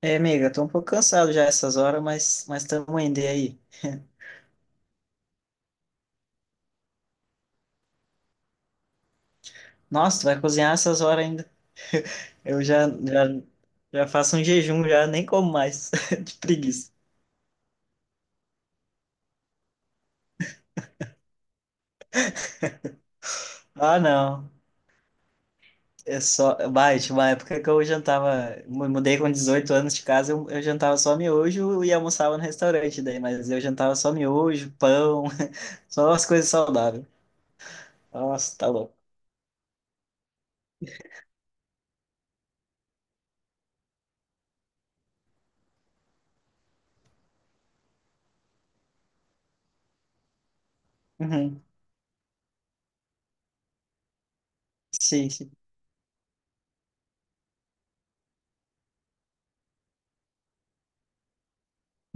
É, amiga, tô um pouco cansado já essas horas, mas estamos indo e aí. Nossa, tu vai cozinhar essas horas ainda. Eu já, já faço um jejum já, nem como mais de preguiça. Ah, não. É só, vai, tinha uma época que eu jantava, mudei com 18 anos de casa, eu jantava só miojo e almoçava no restaurante daí, mas eu jantava só miojo, pão, só as coisas saudáveis. Nossa, tá louco. Uhum. Sim, sim.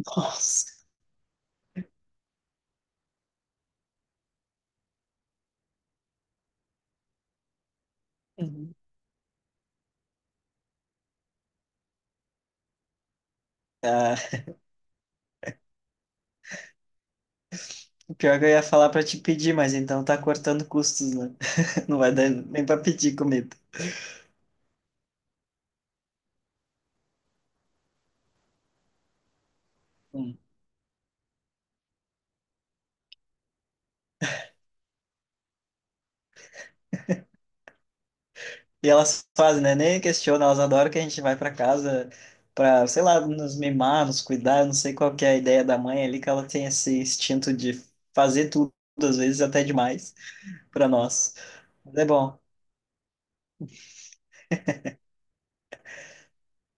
Nossa. Uhum. Ah, pior que eu ia falar pra te pedir, mas então tá cortando custos, né? Não vai dar nem pra pedir comida. Hum. E elas fazem, né? Nem questionam, elas adoram que a gente vai pra casa pra, sei lá, nos mimar, nos cuidar. Eu não sei qual que é a ideia da mãe ali, que ela tem esse instinto de fazer tudo, às vezes até demais, pra nós. Mas é bom.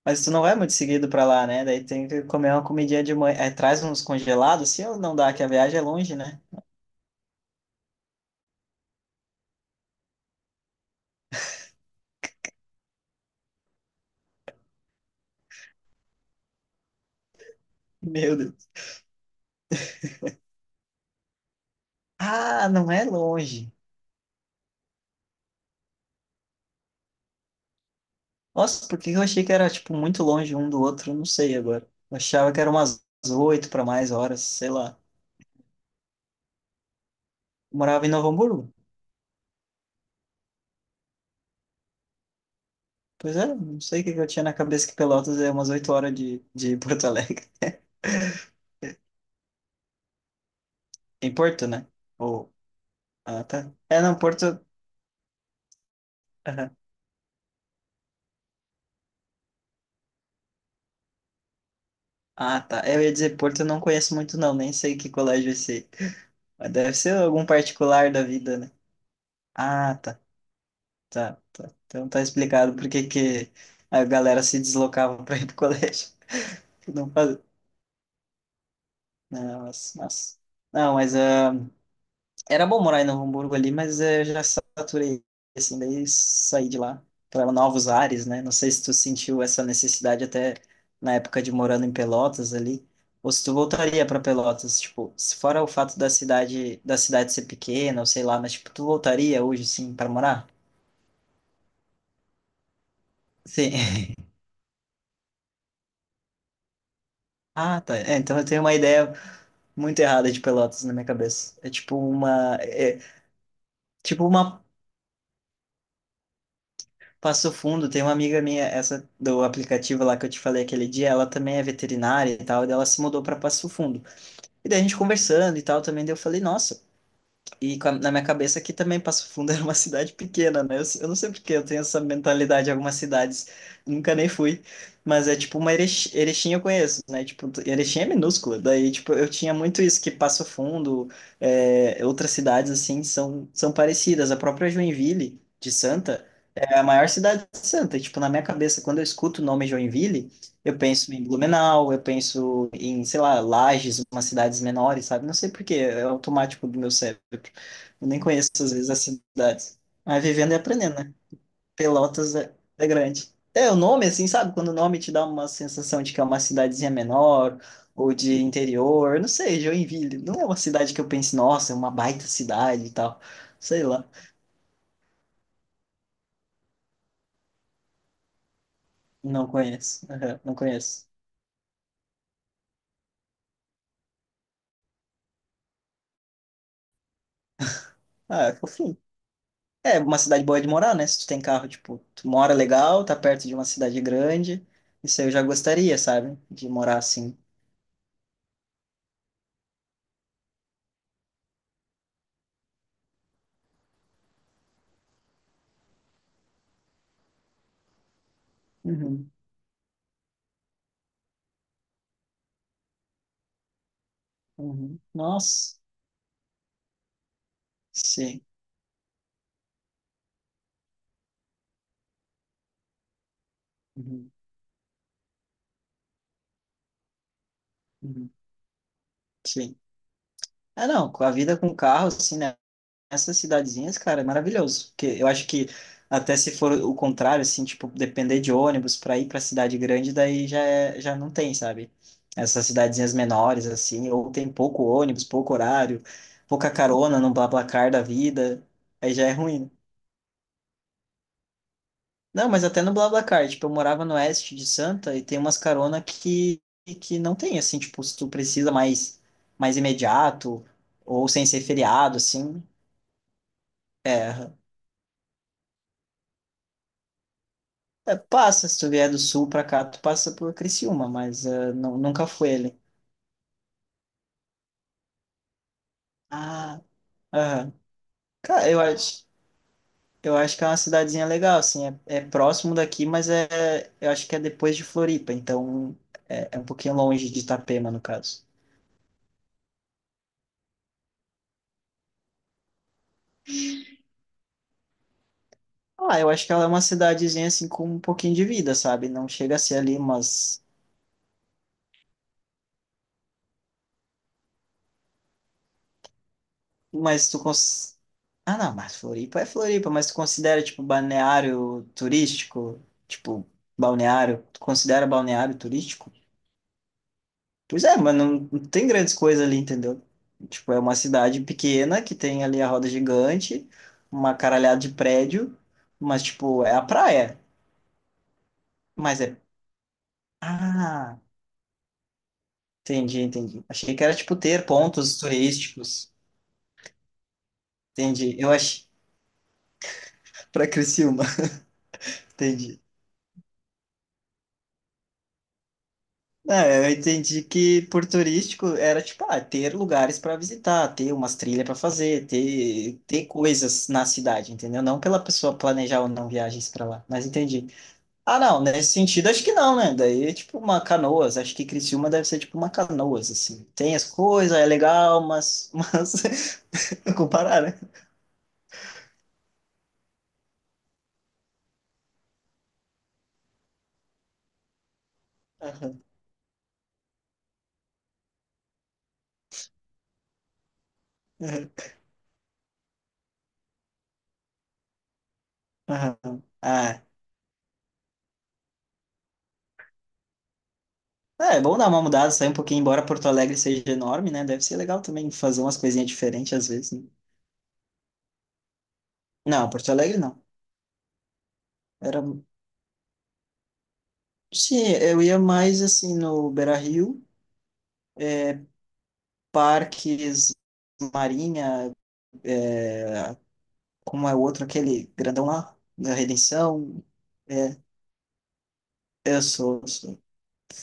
Mas tu não vai muito seguido pra lá, né? Daí tem que comer uma comidinha de mãe. É, traz uns congelados, se ou não dá, que a viagem é longe, né? Meu Deus. Ah, não é longe. Nossa, porque eu achei que era, tipo, muito longe um do outro. Não sei agora. Eu achava que era umas 8 para mais horas, sei lá. Eu morava em Novo Hamburgo. Pois é, não sei o que que eu tinha na cabeça que Pelotas é umas 8 horas de Porto Alegre. Em Porto, né? Ou... Ah, tá. É, não, Porto... Aham. Ah, tá. É, eu ia dizer Porto eu não conheço muito, não. Nem sei que colégio é esse. Mas deve ser algum particular da vida, né? Ah, tá. Tá, tá. Então tá explicado por que que a galera se deslocava para ir pro colégio. Não faz... Não, mas, mas- não, mas era bom morar em Novo Hamburgo ali, mas eu já saturei, assim, daí saí de lá para novos ares, né? Não sei se tu sentiu essa necessidade até na época de morando em Pelotas ali, ou se tu voltaria para Pelotas, tipo, se fora o fato da cidade ser pequena, ou sei lá, mas tipo, tu voltaria hoje, sim, para morar? Sim. Ah, tá. É, então eu tenho uma ideia muito errada de Pelotas na minha cabeça. É, tipo uma Passo Fundo, tem uma amiga minha, essa do aplicativo lá que eu te falei aquele dia, ela também é veterinária e tal, e daí ela se mudou para Passo Fundo. E daí a gente conversando e tal também, daí eu falei, nossa, e na minha cabeça aqui também Passo Fundo era uma cidade pequena, né? Eu não sei por que eu tenho essa mentalidade em algumas cidades, nunca nem fui, mas é tipo uma Erechim, Erechim eu conheço, né? Tipo, Erechim é minúscula, daí tipo, eu tinha muito isso, que Passo Fundo, é, outras cidades assim, são parecidas, a própria Joinville de Santa é a maior cidade santa. E, tipo, na minha cabeça, quando eu escuto o nome Joinville, eu penso em Blumenau, eu penso em, sei lá, Lages, umas cidades menores, sabe? Não sei por quê, é automático do meu cérebro. Eu nem conheço, às vezes, as cidades. Mas vivendo e aprendendo, né? Pelotas é, é grande. É, o nome, assim, sabe? Quando o nome te dá uma sensação de que é uma cidadezinha menor ou de interior, não sei, Joinville. Não é uma cidade que eu pense, nossa, é uma baita cidade e tal. Sei lá. Não conheço. Aham, não conheço. Ah, é fofinho. É uma cidade boa é de morar, né? Se tu tem carro, tipo, tu mora legal, tá perto de uma cidade grande. Isso aí eu já gostaria, sabe? De morar assim. Uhum, uhum. Nossa, sim. Uhum, uhum, sim. Ah, não, com a vida com carro, assim, né? Essas cidadezinhas, cara, é maravilhoso. Porque eu acho que até se for o contrário, assim, tipo, depender de ônibus para ir para cidade grande, daí já, é- já não tem, sabe? Essas cidadezinhas menores, assim, ou tem pouco ônibus, pouco horário, pouca carona no BlaBlaCar da vida, aí já é ruim. Né? Não, mas até no BlaBlaCar, tipo, eu morava no oeste de Santa e tem umas carona que, não tem, assim, tipo, se tu precisa mais, mais imediato ou sem ser feriado, assim. É, é, passa, se tu vier do sul pra cá, tu passa por Criciúma, mas nunca foi ali. Ah, aham. Cara, eu acho que é uma cidadezinha legal, assim, é, é próximo daqui, mas é, eu acho que é depois de Floripa, então é, é um pouquinho longe de Itapema, no caso. Ah, eu acho que ela é uma cidadezinha, assim, com um pouquinho de vida, sabe? Não chega a ser ali, mas tu cons... Ah, não, mas Floripa é Floripa, mas tu considera, tipo, balneário turístico? Tipo, balneário, tu considera balneário turístico? Pois é, mas não, não tem grandes coisas ali, entendeu? Tipo, é uma cidade pequena que tem ali a roda gigante, uma caralhada de prédio, mas, tipo, é a praia. Mas é. Ah, entendi, entendi. Achei que era, tipo, ter pontos turísticos. Entendi. Eu achei. Pra Criciúma, entendi. Não, eu entendi que por turístico era, tipo, ah, ter lugares para visitar, ter umas trilhas para fazer, ter, ter coisas na cidade, entendeu? Não pela pessoa planejar ou não viagens para lá, mas entendi. Ah, não, nesse sentido acho que não, né? Daí é tipo uma canoas, acho que Criciúma deve ser tipo uma canoas, assim. Tem as coisas, é legal, mas não comparar, né? Aham, aham, aham. Ah, é, é bom dar uma mudada, sair um pouquinho, embora Porto Alegre seja enorme, né? Deve ser legal também fazer umas coisinhas diferentes às vezes, né? Não, Porto Alegre não. Era... Sim, eu ia mais assim no Beira-Rio, é, parques, Marinha, como é o outro, aquele grandão lá, da Redenção. É, eu sou, eu sou.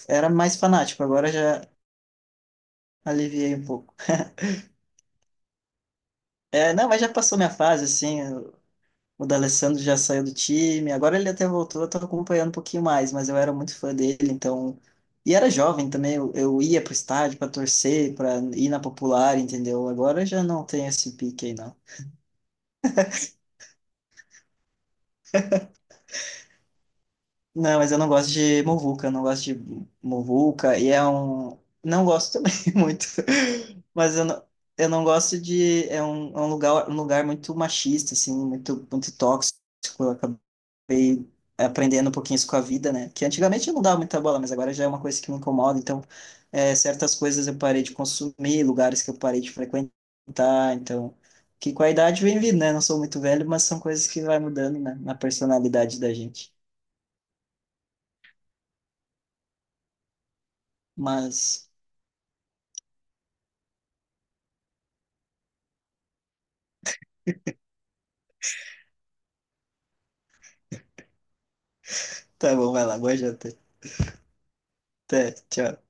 Era mais fanático, agora já aliviei um pouco. É, não, mas já passou minha fase, assim. Eu- o D'Alessandro já saiu do time, agora ele até voltou, eu tô acompanhando um pouquinho mais, mas eu era muito fã dele, então. E era jovem também, eu ia pro estádio pra torcer, pra ir na popular, entendeu? Agora eu já não tenho esse pique aí, não. Não, mas eu não gosto de muvuca, eu não gosto de muvuca, e é um. Não gosto também muito. Mas eu não, eu não gosto de. É um lugar muito machista, assim, muito, muito tóxico. Eu acabei aprendendo um pouquinho isso com a vida, né? Que antigamente eu não dava muita bola, mas agora já é uma coisa que me incomoda. Então, é, certas coisas eu parei de consumir, lugares que eu parei de frequentar. Então, que com a idade vem vindo, né? Não sou muito velho, mas são coisas que vai mudando, né? Na personalidade da gente. Mas. Tá bom, vai lá, boa janta. Até, tchau.